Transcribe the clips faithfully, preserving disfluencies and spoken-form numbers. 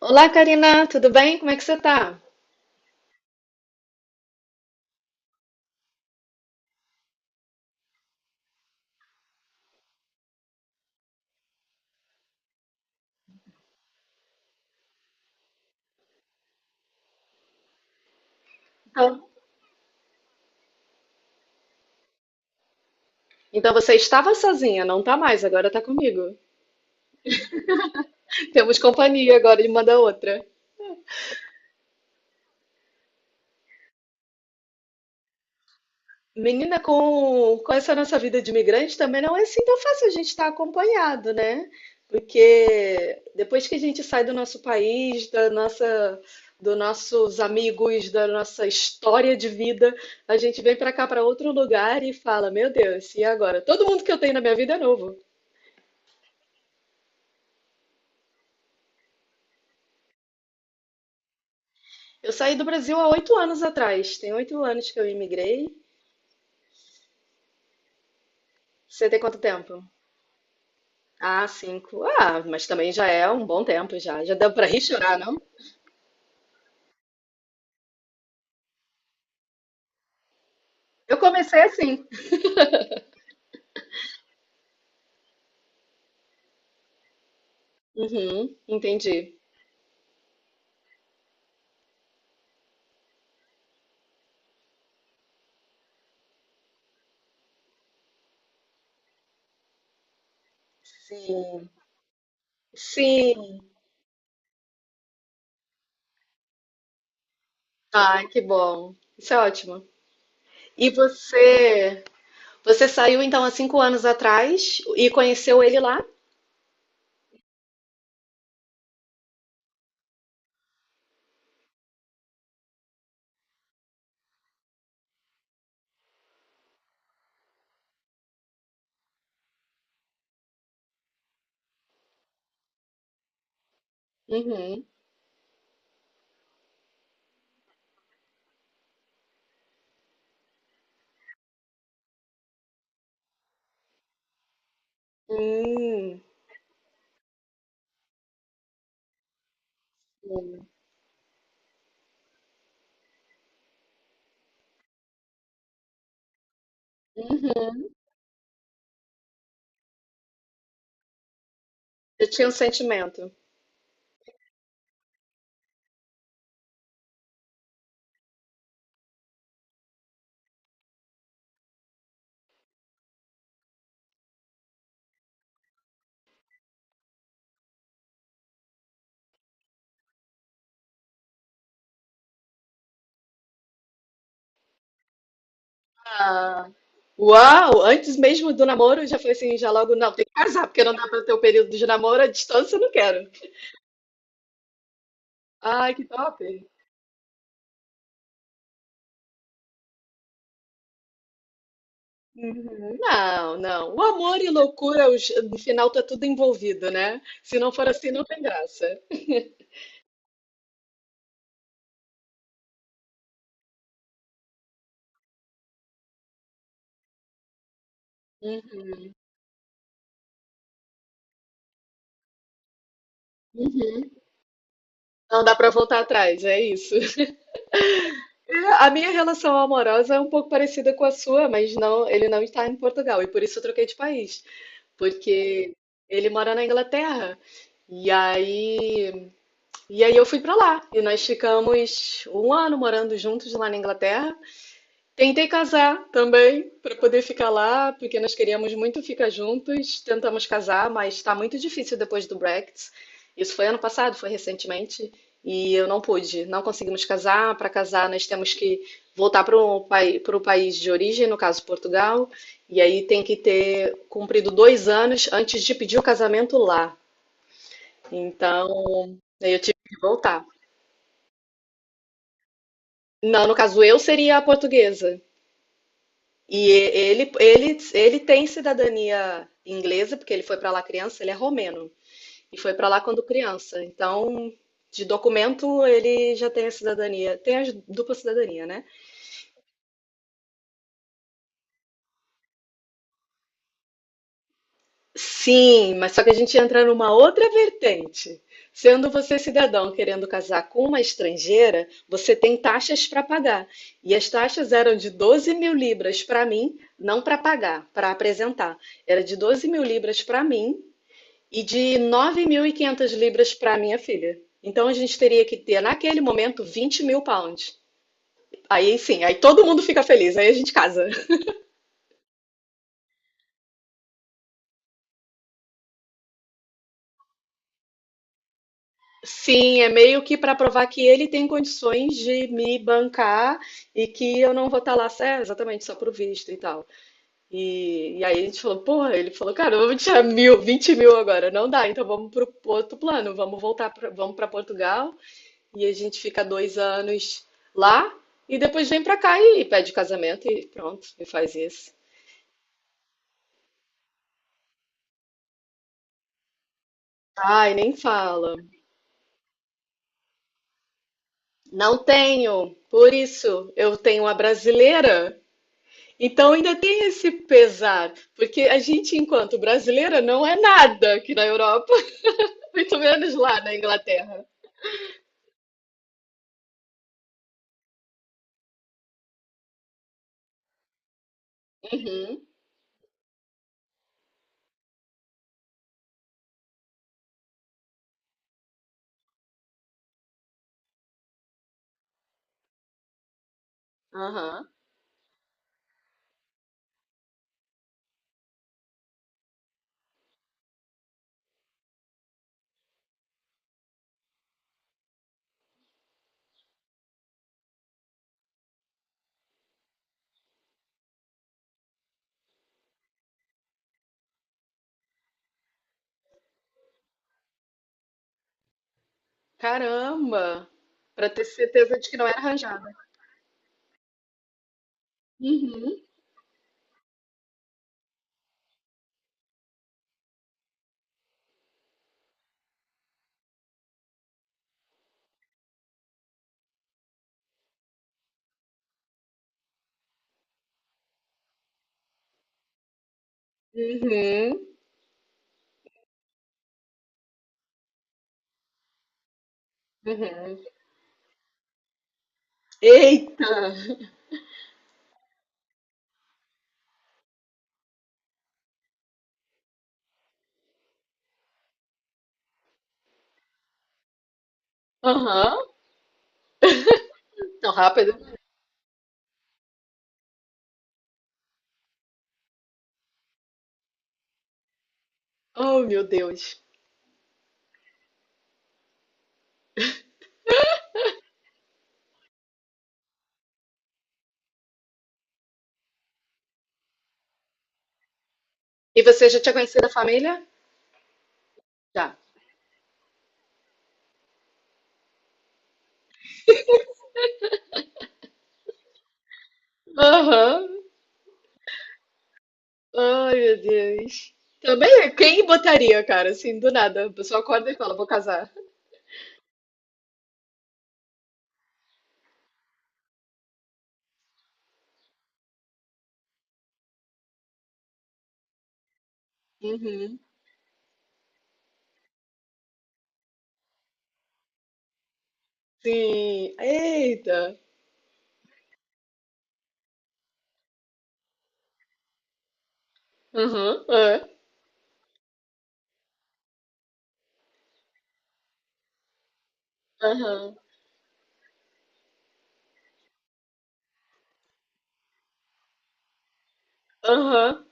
Olá, Karina, tudo bem? Como é que você tá? Ah, então você estava sozinha, não tá mais, agora tá comigo. Temos companhia agora de uma da outra. Menina, com, com essa nossa vida de imigrante também não é assim tão fácil a gente estar acompanhado, né? Porque depois que a gente sai do nosso país, da nossa, dos nossos amigos, da nossa história de vida, a gente vem pra cá, pra outro lugar e fala: Meu Deus, e agora? Todo mundo que eu tenho na minha vida é novo. Eu saí do Brasil há oito anos atrás. Tem oito anos que eu imigrei. Você tem quanto tempo? Ah, cinco. Ah, mas também já é um bom tempo já. Já deu pra rir e chorar, não? Eu comecei assim. Uhum, entendi. Sim. Sim. Ah, que bom. Isso é ótimo. E você, você saiu então há cinco anos atrás e conheceu ele lá? Uhum. Hum. Uhum. Eu tinha um sentimento. Ah, uau! Antes mesmo do namoro, já foi assim, já logo, não, tem que casar, porque não dá para ter o período de namoro à distância, eu não quero. Ai, que top! Uhum. Não, não. O amor e loucura, os- no final tá tudo envolvido, né? Se não for assim, não tem graça. Uhum. Uhum. Não dá para voltar atrás, é isso. A minha relação amorosa é um pouco parecida com a sua, mas não, ele não está em Portugal e por isso eu troquei de país, porque ele mora na Inglaterra. E aí E aí eu fui pra lá. E nós ficamos um ano morando juntos lá na Inglaterra. Tentei casar também para poder ficar lá, porque nós queríamos muito ficar juntos. Tentamos casar, mas está muito difícil depois do Brexit. Isso foi ano passado, foi recentemente, e eu não pude. Não conseguimos casar. Para casar, nós temos que voltar para o país de origem, no caso Portugal, e aí tem que ter cumprido dois anos antes de pedir o casamento lá. Então, eu tive que voltar. Não, no caso eu seria a portuguesa. E e- ele, ele, ele tem cidadania inglesa, porque ele foi para lá criança, ele é romeno. E foi para lá quando criança. Então, de documento, ele já tem a cidadania. Tem a dupla cidadania, né? Sim, mas só que a gente entra numa outra vertente. Sendo você cidadão querendo casar com uma estrangeira, você tem taxas para pagar. E as taxas eram de doze mil libras para mim, não para pagar, para apresentar. Era de doze mil libras para mim e de nove mil e quinhentas libras para minha filha. Então a gente teria que ter, naquele momento, vinte mil pounds. Aí sim, aí todo mundo fica feliz, aí a gente casa. Sim, é meio que para provar que ele tem condições de me bancar e que eu não vou estar lá, é, exatamente, só pro visto e tal. E, e aí a gente falou, porra, ele falou, cara, vamos tirar mil, vinte mil agora, não dá, então vamos pro outro plano, vamos voltar, pra, vamos para Portugal e a gente fica dois anos lá e depois vem para cá e, e pede casamento e pronto, e faz isso. Ai, nem fala. Não tenho, por isso eu tenho a brasileira. Então ainda tem esse pesar, porque a gente, enquanto brasileira, não é nada aqui na Europa, muito menos lá na Inglaterra. Uhum, aham. Caramba! Para ter certeza de que não é arranjada. Uhum, uhum, uhum. Eita! Aham, tão rápido. Oh, meu Deus. E você já tinha conhecido a família? Já. Aham. Ai, meu Deus. Também, quem botaria, cara, assim, do nada? A pessoa acorda e fala, vou casar. Uhum. Sim. Eita. Aham, é. Aham, aham.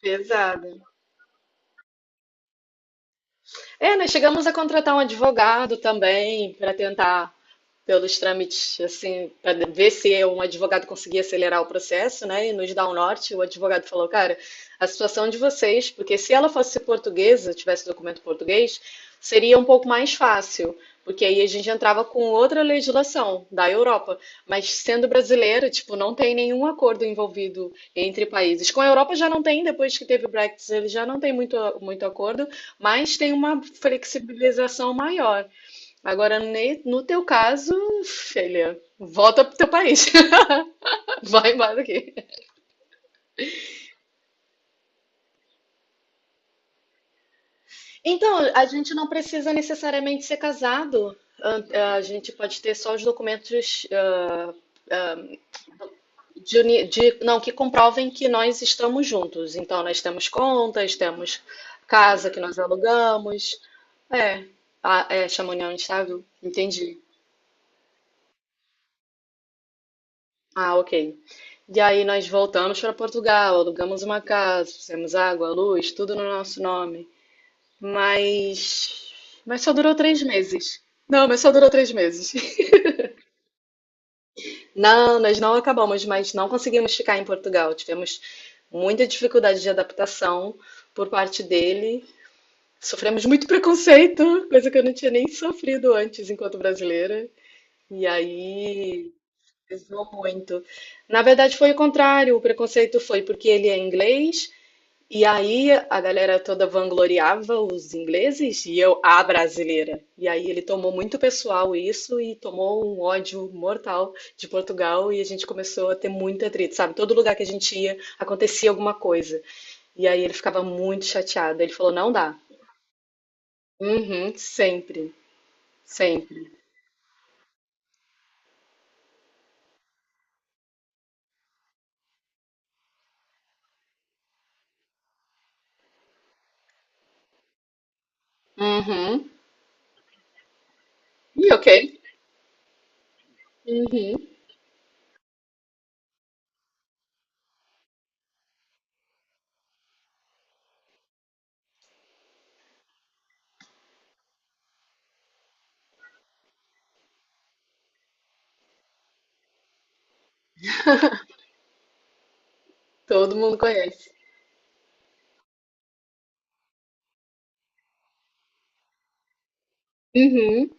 Pesada. É, nós chegamos a contratar um advogado também para tentar pelos trâmites, assim, para ver se um advogado conseguia acelerar o processo, né, e nos dar um norte. O advogado falou, cara, a situação de vocês, porque se ela fosse portuguesa, tivesse documento português, seria um pouco mais fácil, porque aí a gente entrava com outra legislação da Europa. Mas sendo brasileira, tipo, não tem nenhum acordo envolvido entre países. Com a Europa já não tem, depois que teve o Brexit, ele já não tem muito, muito acordo, mas tem uma flexibilização maior. Agora, ne- no teu caso, filha, volta pro teu país. Vai embora daqui. Então, a gente não precisa necessariamente ser casado. A, a gente pode ter só os documentos ah, ah, de, uni- de- não, que comprovem que nós estamos juntos. Então, nós temos contas, temos casa que nós alugamos. É, a, é chama união estável. Entendi. Ah, ok. E aí nós voltamos para Portugal, alugamos uma casa, fizemos água, luz, tudo no nosso nome. Mas, mas só durou três meses. Não, mas só durou três meses. Não, nós não acabamos, mas não conseguimos ficar em Portugal. Tivemos muita dificuldade de adaptação por parte dele. Sofremos muito preconceito, coisa que eu não tinha nem sofrido antes enquanto brasileira. E aí pesou muito. Na verdade, foi o contrário. O preconceito foi porque ele é inglês, e aí a galera toda vangloriava os ingleses e eu, a brasileira. E aí ele tomou muito pessoal isso e tomou um ódio mortal de Portugal e a gente começou a ter muito atrito, sabe? Todo lugar que a gente ia acontecia alguma coisa. E aí ele ficava muito chateado. Ele falou: não dá. Uhum, sempre, sempre. Uhum. E ok. Uhum. Todo mundo conhece. Uhum.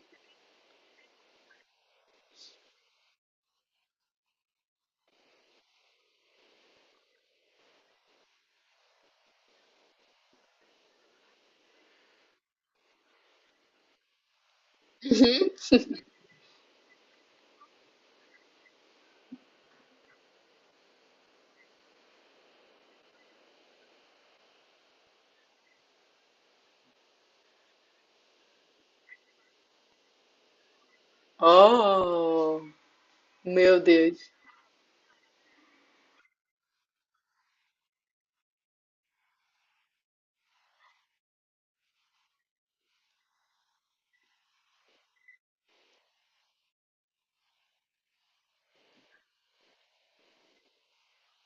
Oh, meu Deus.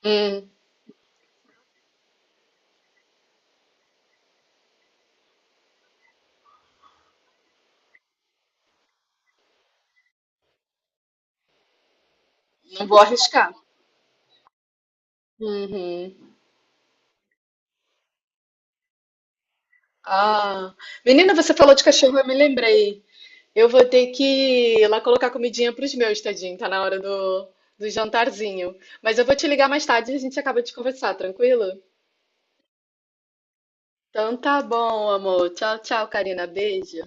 Hum, não vou arriscar. Uhum. Ah, menina, você falou de cachorro, eu me lembrei. Eu vou ter que ir lá colocar comidinha pros meus, tadinho. Tá na hora do, do jantarzinho. Mas eu vou te ligar mais tarde e a gente acaba de conversar, tranquilo? Então tá bom, amor. Tchau, tchau, Karina. Beijo.